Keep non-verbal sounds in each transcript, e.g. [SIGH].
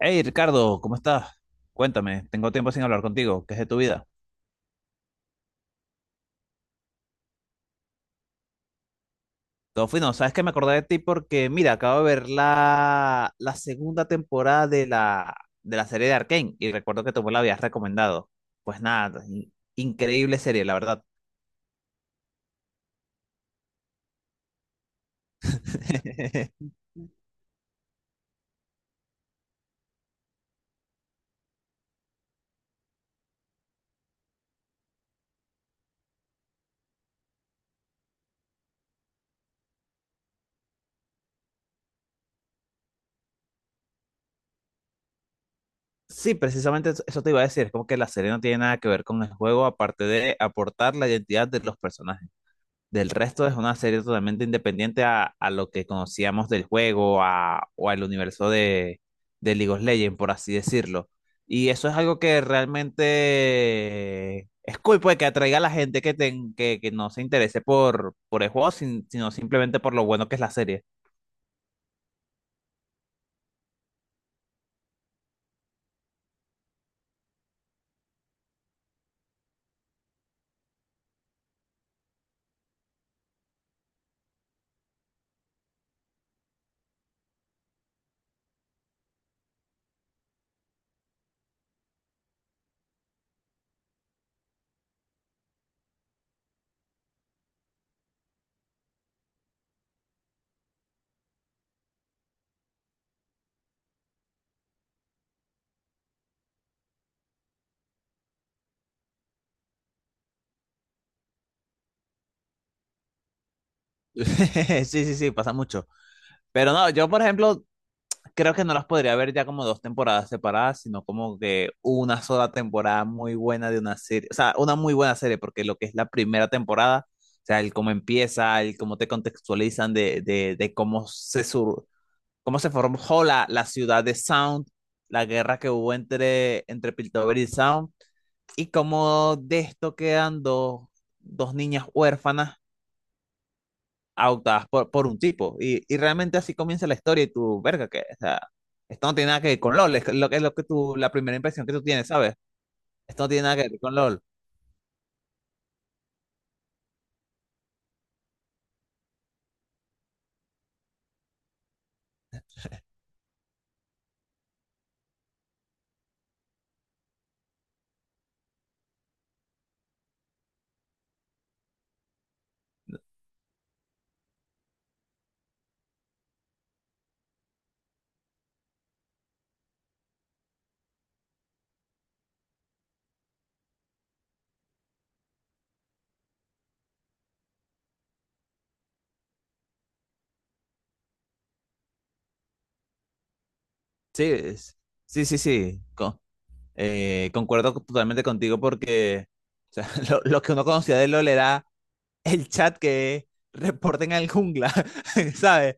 Hey Ricardo, ¿cómo estás? Cuéntame, tengo tiempo sin hablar contigo, ¿qué es de tu vida? Todo fino. ¿Sabes que me acordé de ti? Porque, mira, acabo de ver la segunda temporada de de la serie de Arcane y recuerdo que tú me la habías recomendado. Pues nada, increíble serie, la verdad. [LAUGHS] Sí, precisamente eso te iba a decir, es como que la serie no tiene nada que ver con el juego aparte de aportar la identidad de los personajes. Del resto es una serie totalmente independiente a lo que conocíamos del juego a, o al universo de League of Legends, por así decirlo. Y eso es algo que realmente es cool, pues que atraiga a la gente que, que no se interese por el juego, sino simplemente por lo bueno que es la serie. [LAUGHS] Sí, sí, sí, pasa mucho. Pero no, yo por ejemplo, creo que no las podría ver ya como dos temporadas separadas, sino como que una sola temporada muy buena de una serie, o sea, una muy buena serie, porque lo que es la primera temporada, o sea, el cómo empieza, el cómo te contextualizan de cómo se sur, cómo se formó la ciudad de Sound, la guerra que hubo entre Piltover y Sound, y cómo de esto quedan dos niñas huérfanas adoptadas por un tipo. Y realmente así comienza la historia y tú, verga, que, o sea, esto no tiene nada que ver con LOL, es lo que tú, la primera impresión que tú tienes, ¿sabes? Esto no tiene nada que ver con LOL. Sí, es- sí, sí, sí, concuerdo totalmente contigo porque o sea, [LAUGHS] lo que uno conocía de LOL era el chat que reporten al jungla, [LAUGHS] ¿sabes?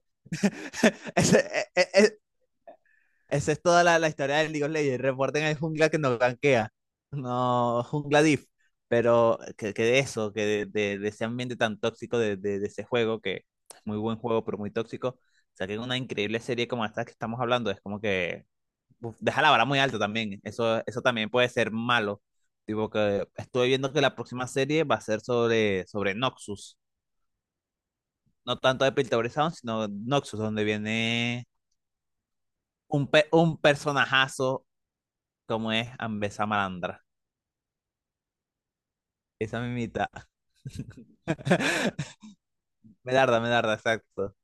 Ese, e- e- e, Esa es toda la historia del League of Legends. Reporten al jungla que nos ganquea. No, jungla diff. Pero que de eso, que de ese ambiente tan tóxico de ese juego, que es muy buen juego, pero muy tóxico, saquen una increíble serie como esta que estamos hablando. Es como que uf, deja la vara muy alta también. Eso también puede ser malo. Tipo que estoy viendo que la próxima serie va a ser sobre Noxus. No tanto de Piltover Sound, sino Noxus, donde viene un personajazo como es Ambesa Malandra. Esa mimita. [LAUGHS] Melarda, Melarda, exacto.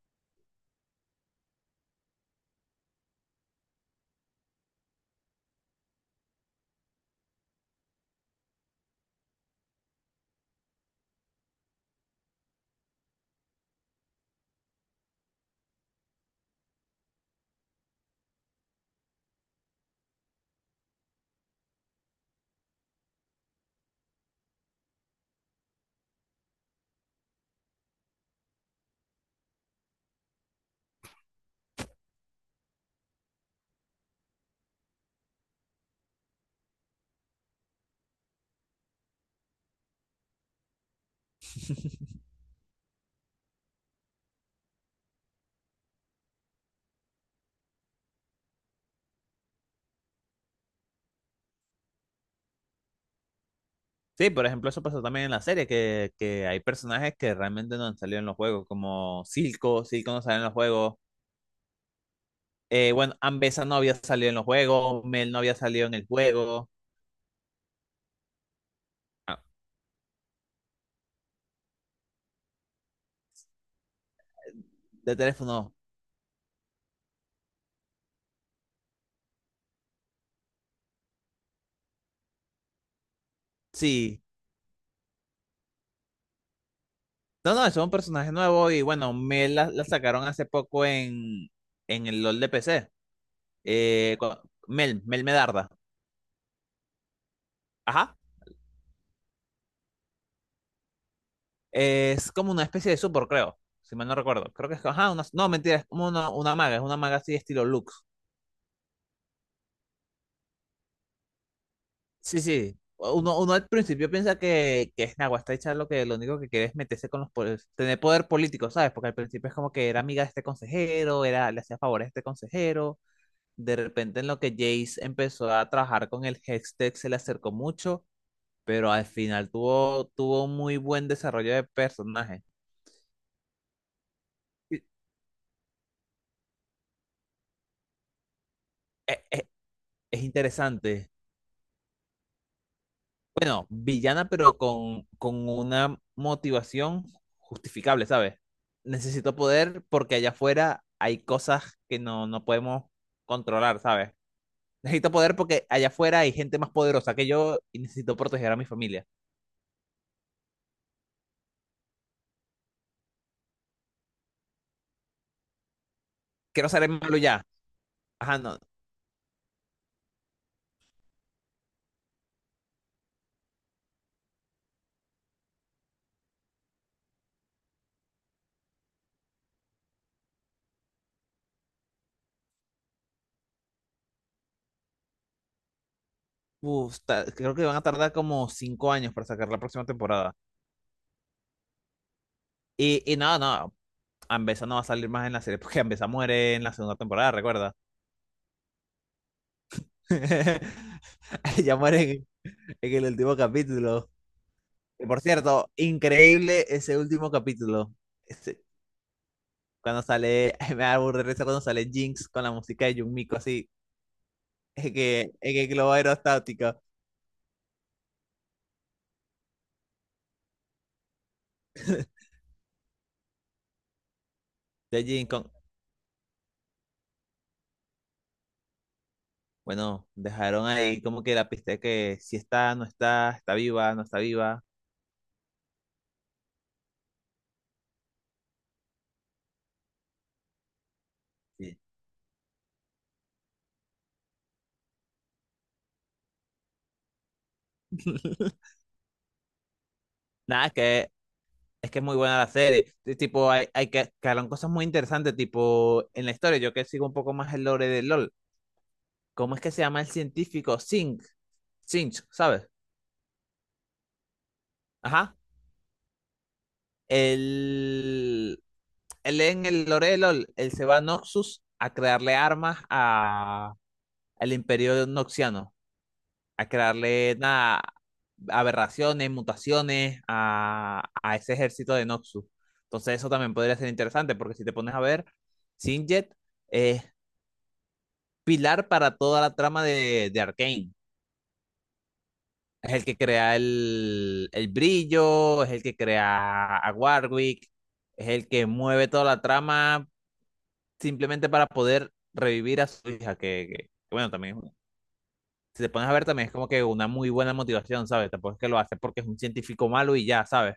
Sí, por ejemplo, eso pasó también en la serie, que hay personajes que realmente no han salido en los juegos, como Silco, Silco no sale en los juegos. Bueno, Ambesa no había salido en los juegos, Mel no había salido en el juego. Ah, de teléfono, sí. No, no, eso es un personaje nuevo y bueno, Mel la sacaron hace poco en el LOL de PC. Eh, cu- Mel, Mel Melarda. Ajá. Es como una especie de super, creo. Si mal no recuerdo. Creo que es. Ajá, una- no, mentira, es como una maga. Es una maga así estilo Lux. Sí, sí. Uno, uno al principio piensa que es Nagua, está hecha lo que lo único que quiere es meterse con los poderes, tener poder político, ¿sabes? Porque al principio es como que era amiga de este consejero, era, le hacía favores a este consejero. De repente en lo que Jace empezó a trabajar con el Hextech se le acercó mucho, pero al final tuvo un muy buen desarrollo de personaje. Y- Es, es interesante. Bueno, villana, pero con una motivación justificable, ¿sabes? Necesito poder porque allá afuera hay cosas que no, no podemos controlar, ¿sabes? Necesito poder porque allá afuera hay gente más poderosa que yo y necesito proteger a mi familia. Quiero ser el malo ya. Ajá, no. Uf, ta- creo que van a tardar como 5 años para sacar la próxima temporada. Y no, no. Ambesa no va a salir más en la serie porque Ambesa muere en la segunda temporada, recuerda. [LAUGHS] Ella muere en el último capítulo. Y por cierto, increíble ese último capítulo. Ese- cuando sale, [LAUGHS] me da burda de risa cuando sale Jinx con la música de Yumiko así. Es que el globo aerostático de Jinx. Bueno, dejaron ahí como que la pista de que si está, no está, está viva, no está viva. Sí. [LAUGHS] Nada, es que es muy buena la serie. Tipo, hay que quedaron cosas muy interesantes, tipo, en la historia, yo que sigo un poco más el lore de LOL. ¿Cómo es que se llama el científico? Zinc. Zinch, ¿sabes? Ajá. Él, él en el lore de LOL, él se va a Noxus a crearle armas al Imperio Noxiano, a crearle nada, aberraciones, mutaciones a ese ejército de Noxus. Entonces eso también podría ser interesante, porque si te pones a ver, Singed es pilar para toda la trama de Arcane. Es el que crea el brillo, es el que crea a Warwick, es el que mueve toda la trama simplemente para poder revivir a su hija, bueno, también, si te pones a ver, también es como que una muy buena motivación, ¿sabes? Tampoco es que lo hace porque es un científico malo y ya, ¿sabes?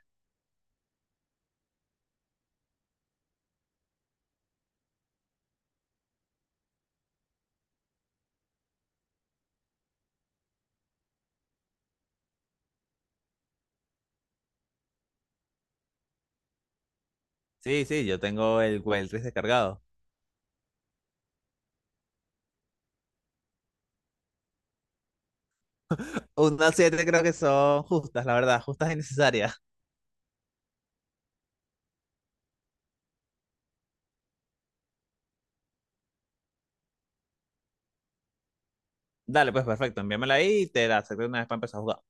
Sí, sí, yo tengo el Weltris descargado. Unas siete creo que son justas, la verdad, justas y necesarias. Dale, pues perfecto, envíamela ahí y te la acepto una vez para empezar a jugar.